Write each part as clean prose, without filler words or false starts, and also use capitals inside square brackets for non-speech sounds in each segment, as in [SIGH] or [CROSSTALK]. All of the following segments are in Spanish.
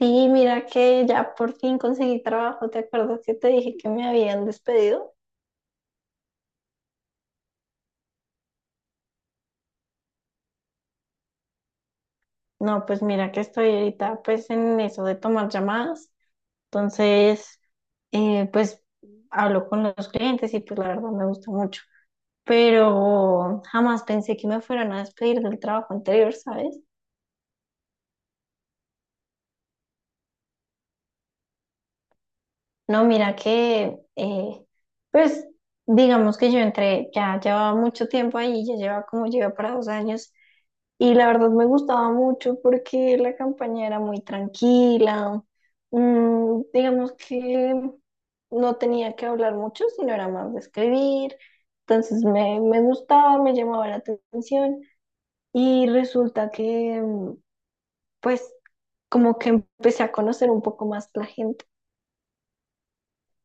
Sí, mira que ya por fin conseguí trabajo. ¿Te acuerdas que te dije que me habían despedido? No, pues mira que estoy ahorita pues en eso de tomar llamadas. Entonces, pues hablo con los clientes y pues la verdad me gusta mucho. Pero jamás pensé que me fueran a despedir del trabajo anterior, ¿sabes? No, mira que pues digamos que yo entré, ya llevaba mucho tiempo ahí, ya lleva para 2 años. Y la verdad me gustaba mucho porque la campaña era muy tranquila. Digamos que no tenía que hablar mucho, sino era más de escribir. Entonces me gustaba, me llamaba la atención. Y resulta que, pues, como que empecé a conocer un poco más la gente.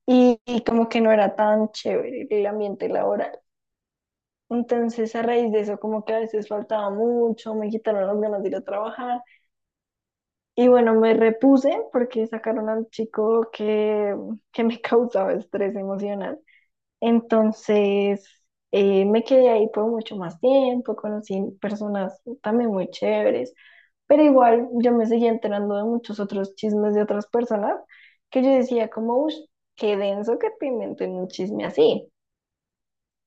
Y como que no era tan chévere el ambiente laboral. Entonces, a raíz de eso, como que a veces faltaba mucho, me quitaron las ganas de ir a trabajar. Y bueno, me repuse porque sacaron al chico que me [LAUGHS] causaba estrés emocional. Entonces, me quedé ahí por mucho más tiempo, conocí personas también muy chéveres, pero igual yo me seguía enterando de muchos otros chismes de otras personas que yo decía como, uff, qué denso que te inventen un chisme así.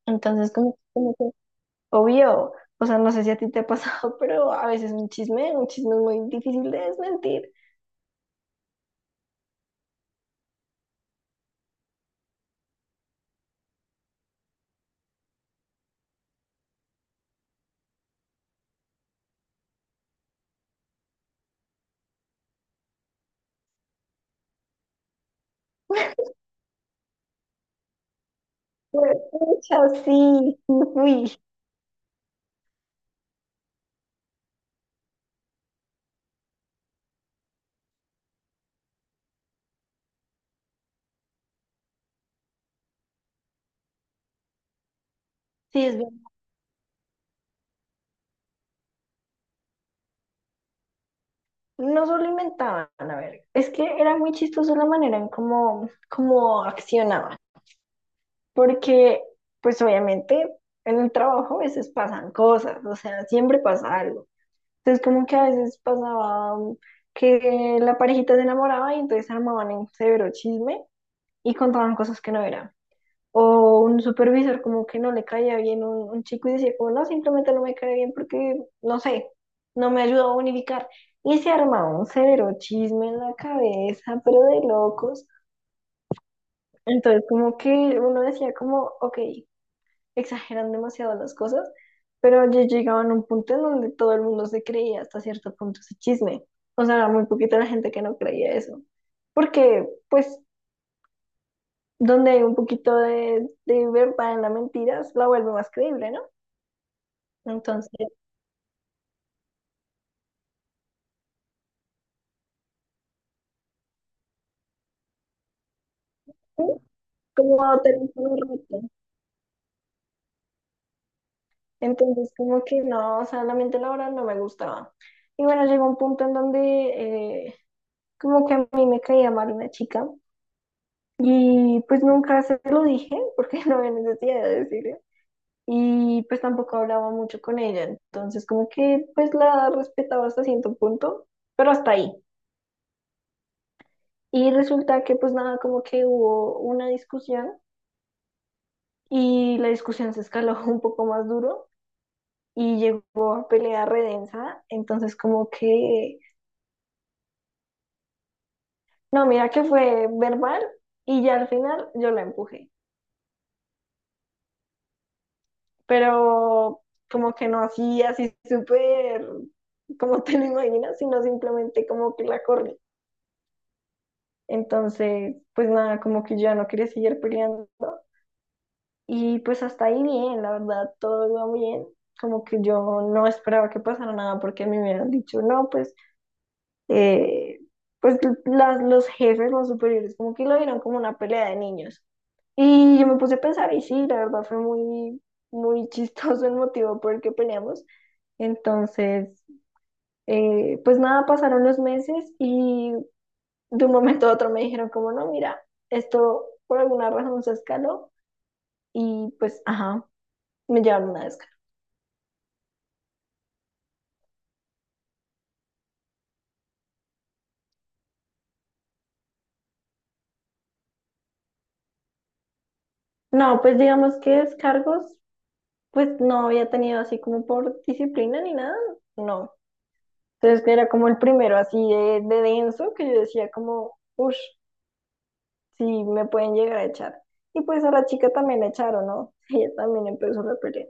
Entonces, obvio, o sea, no sé si a ti te ha pasado, [LAUGHS] pero a veces un chisme es muy difícil de desmentir. Pues, pucha, sí, sí fui. Sí, es bien. No solo inventaban, a ver, es que era muy chistoso la manera en cómo accionaban, porque pues obviamente en el trabajo a veces pasan cosas, o sea, siempre pasa algo. Entonces como que a veces pasaba que la parejita se enamoraba y entonces armaban un severo chisme y contaban cosas que no eran. O un supervisor como que no le caía bien un chico y decía como no, simplemente no me cae bien porque, no sé, no me ayudó a unificar. Y se armaba un cero chisme en la cabeza, pero de locos. Entonces como que uno decía como, ok, exageran demasiado las cosas, pero ya llegaban a un punto en donde todo el mundo se creía hasta cierto punto ese chisme. O sea, muy poquita la gente que no creía eso. Porque, pues, donde hay un poquito de verdad en la mentira, la vuelve más creíble, ¿no? Entonces, sí, como tenía un reto. Entonces, como que no, o sea, la mente laboral no me gustaba. Y bueno, llegó un punto en donde eh, como que a mí me caía mal una chica y pues nunca se lo dije porque [LAUGHS] no había necesidad de decirlo. Y pues tampoco hablaba mucho con ella. Entonces, como que pues la respetaba hasta cierto punto, pero hasta ahí. Y resulta que pues nada, como que hubo una discusión y la discusión se escaló [LAUGHS] un poco más duro. Y llegó a pelea redensa, entonces como que, no, mira que fue verbal y ya al final yo la empujé, pero como que no así, así súper, como te lo imaginas, sino simplemente como que la corrí. Entonces, pues nada, como que yo ya no quería seguir peleando y pues hasta ahí bien, la verdad, todo iba bien. Como que yo no esperaba que pasara nada porque a mí me hubieran dicho, no, pues eh, pues las, los jefes, los superiores, como que lo vieron como una pelea de niños. Y yo me puse a pensar, y sí, la verdad fue muy [LAUGHS] chistoso el motivo por el que peleamos. Entonces, pues nada, pasaron los meses y de un momento a otro me dijeron como, no, mira, esto por alguna razón se escaló y pues, ajá, me llevaron una descarga. No, pues digamos que descargos, pues no había tenido así como por disciplina ni nada, no. Entonces, que era como el primero así de denso, que yo decía como, uff, sí, me pueden llegar a echar. Y pues a la chica también la echaron, ¿no? [LAUGHS] Ella también empezó la pelea.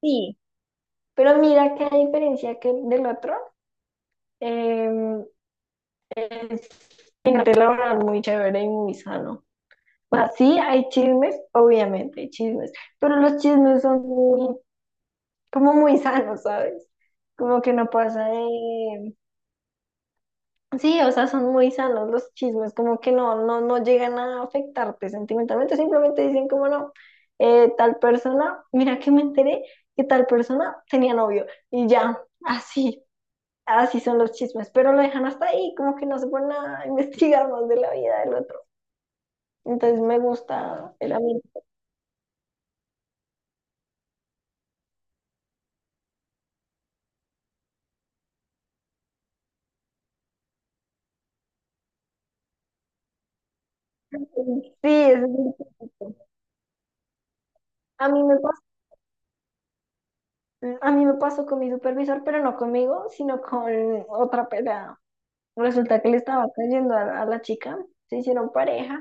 Sí, pero mira que a diferencia que del otro, eh, es un ambiente laboral muy chévere y muy sano. O sea, sí hay chismes, obviamente hay chismes, pero los chismes son muy, como muy sanos, ¿sabes? Como que no pasa de sí, o sea, son muy sanos los chismes, como que no, no, no llegan a afectarte sentimentalmente, simplemente dicen como no, tal persona, mira que me enteré que tal persona tenía novio y ya, así, así son los chismes, pero lo dejan hasta ahí, como que no se ponen a [LAUGHS] investigar más de la vida del otro. Entonces me gusta el ambiente. Sí, es muy típico. A mí me pasó, a mí me pasó con mi supervisor, pero no conmigo, sino con otra pelada. Resulta que le estaba cayendo a la chica, se hicieron pareja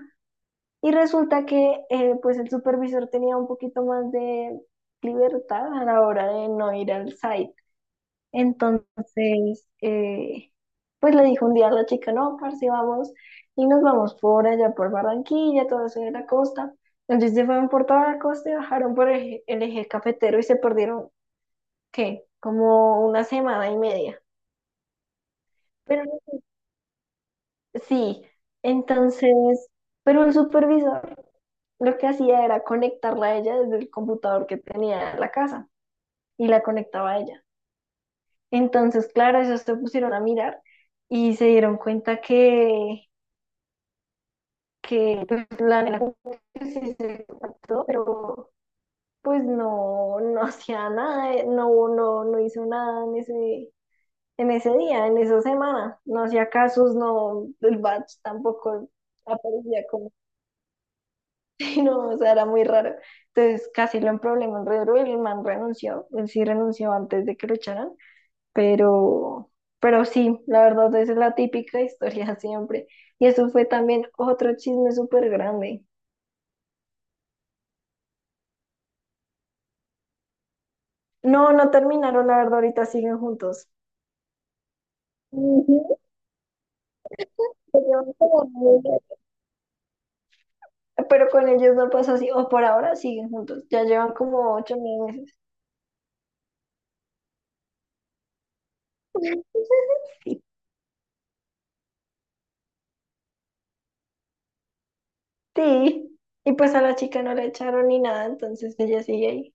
y resulta que pues el supervisor tenía un poquito más de libertad a la hora de no ir al site. Entonces, pues le dijo un día a la chica, no, parce, vamos y nos vamos por allá por Barranquilla, todo eso de la costa. Entonces se fueron por toda la costa y bajaron por el eje cafetero y se perdieron, ¿qué? Como una semana y media. Pero sí, entonces, pero el supervisor lo que hacía era conectarla a ella desde el computador que tenía en la casa y la conectaba a ella. Entonces, claro, ellos se pusieron a mirar y se dieron cuenta que pues, la nena como que sí se contactó, pero pues no, no [LAUGHS] hacía nada, no hizo nada en ese, en ese día, en esa semana. No hacía casos, no, el batch tampoco aparecía. [LAUGHS] Sí, no, o sea, era muy raro. Entonces casi lo en problemas re duro, el man renunció, él sí renunció antes de que lo echaran, pero, pero sí, la verdad, esa es la típica [LAUGHS] historia siempre. Y eso fue también otro chisme súper grande. No, no terminaron, la verdad, ahorita siguen juntos. Ujú, se llevan como 9. Pero con ellos no pasó así, o por ahora siguen juntos, ya llevan como 8 9 meses. [LAUGHS] Meses. Sí. Sí. Y pues a la chica no la echaron ni nada, entonces ella sigue ahí.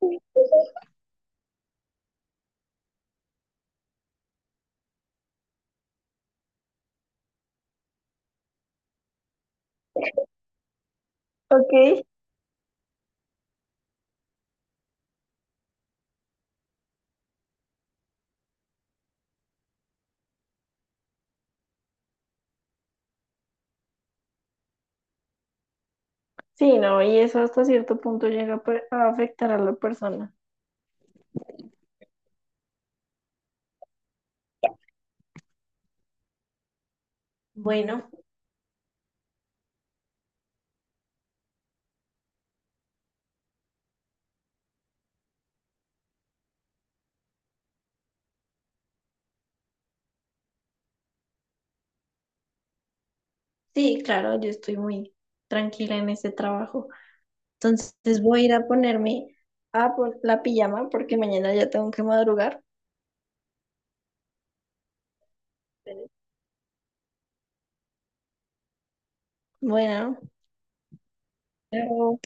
Ok. Sí, no, y eso hasta cierto punto llega a per- a afectar a la persona. Bueno, sí, claro, yo estoy muy tranquila en este trabajo. Entonces voy a ir a ponerme a pon- la pijama porque mañana ya tengo que madrugar. Bueno, chao.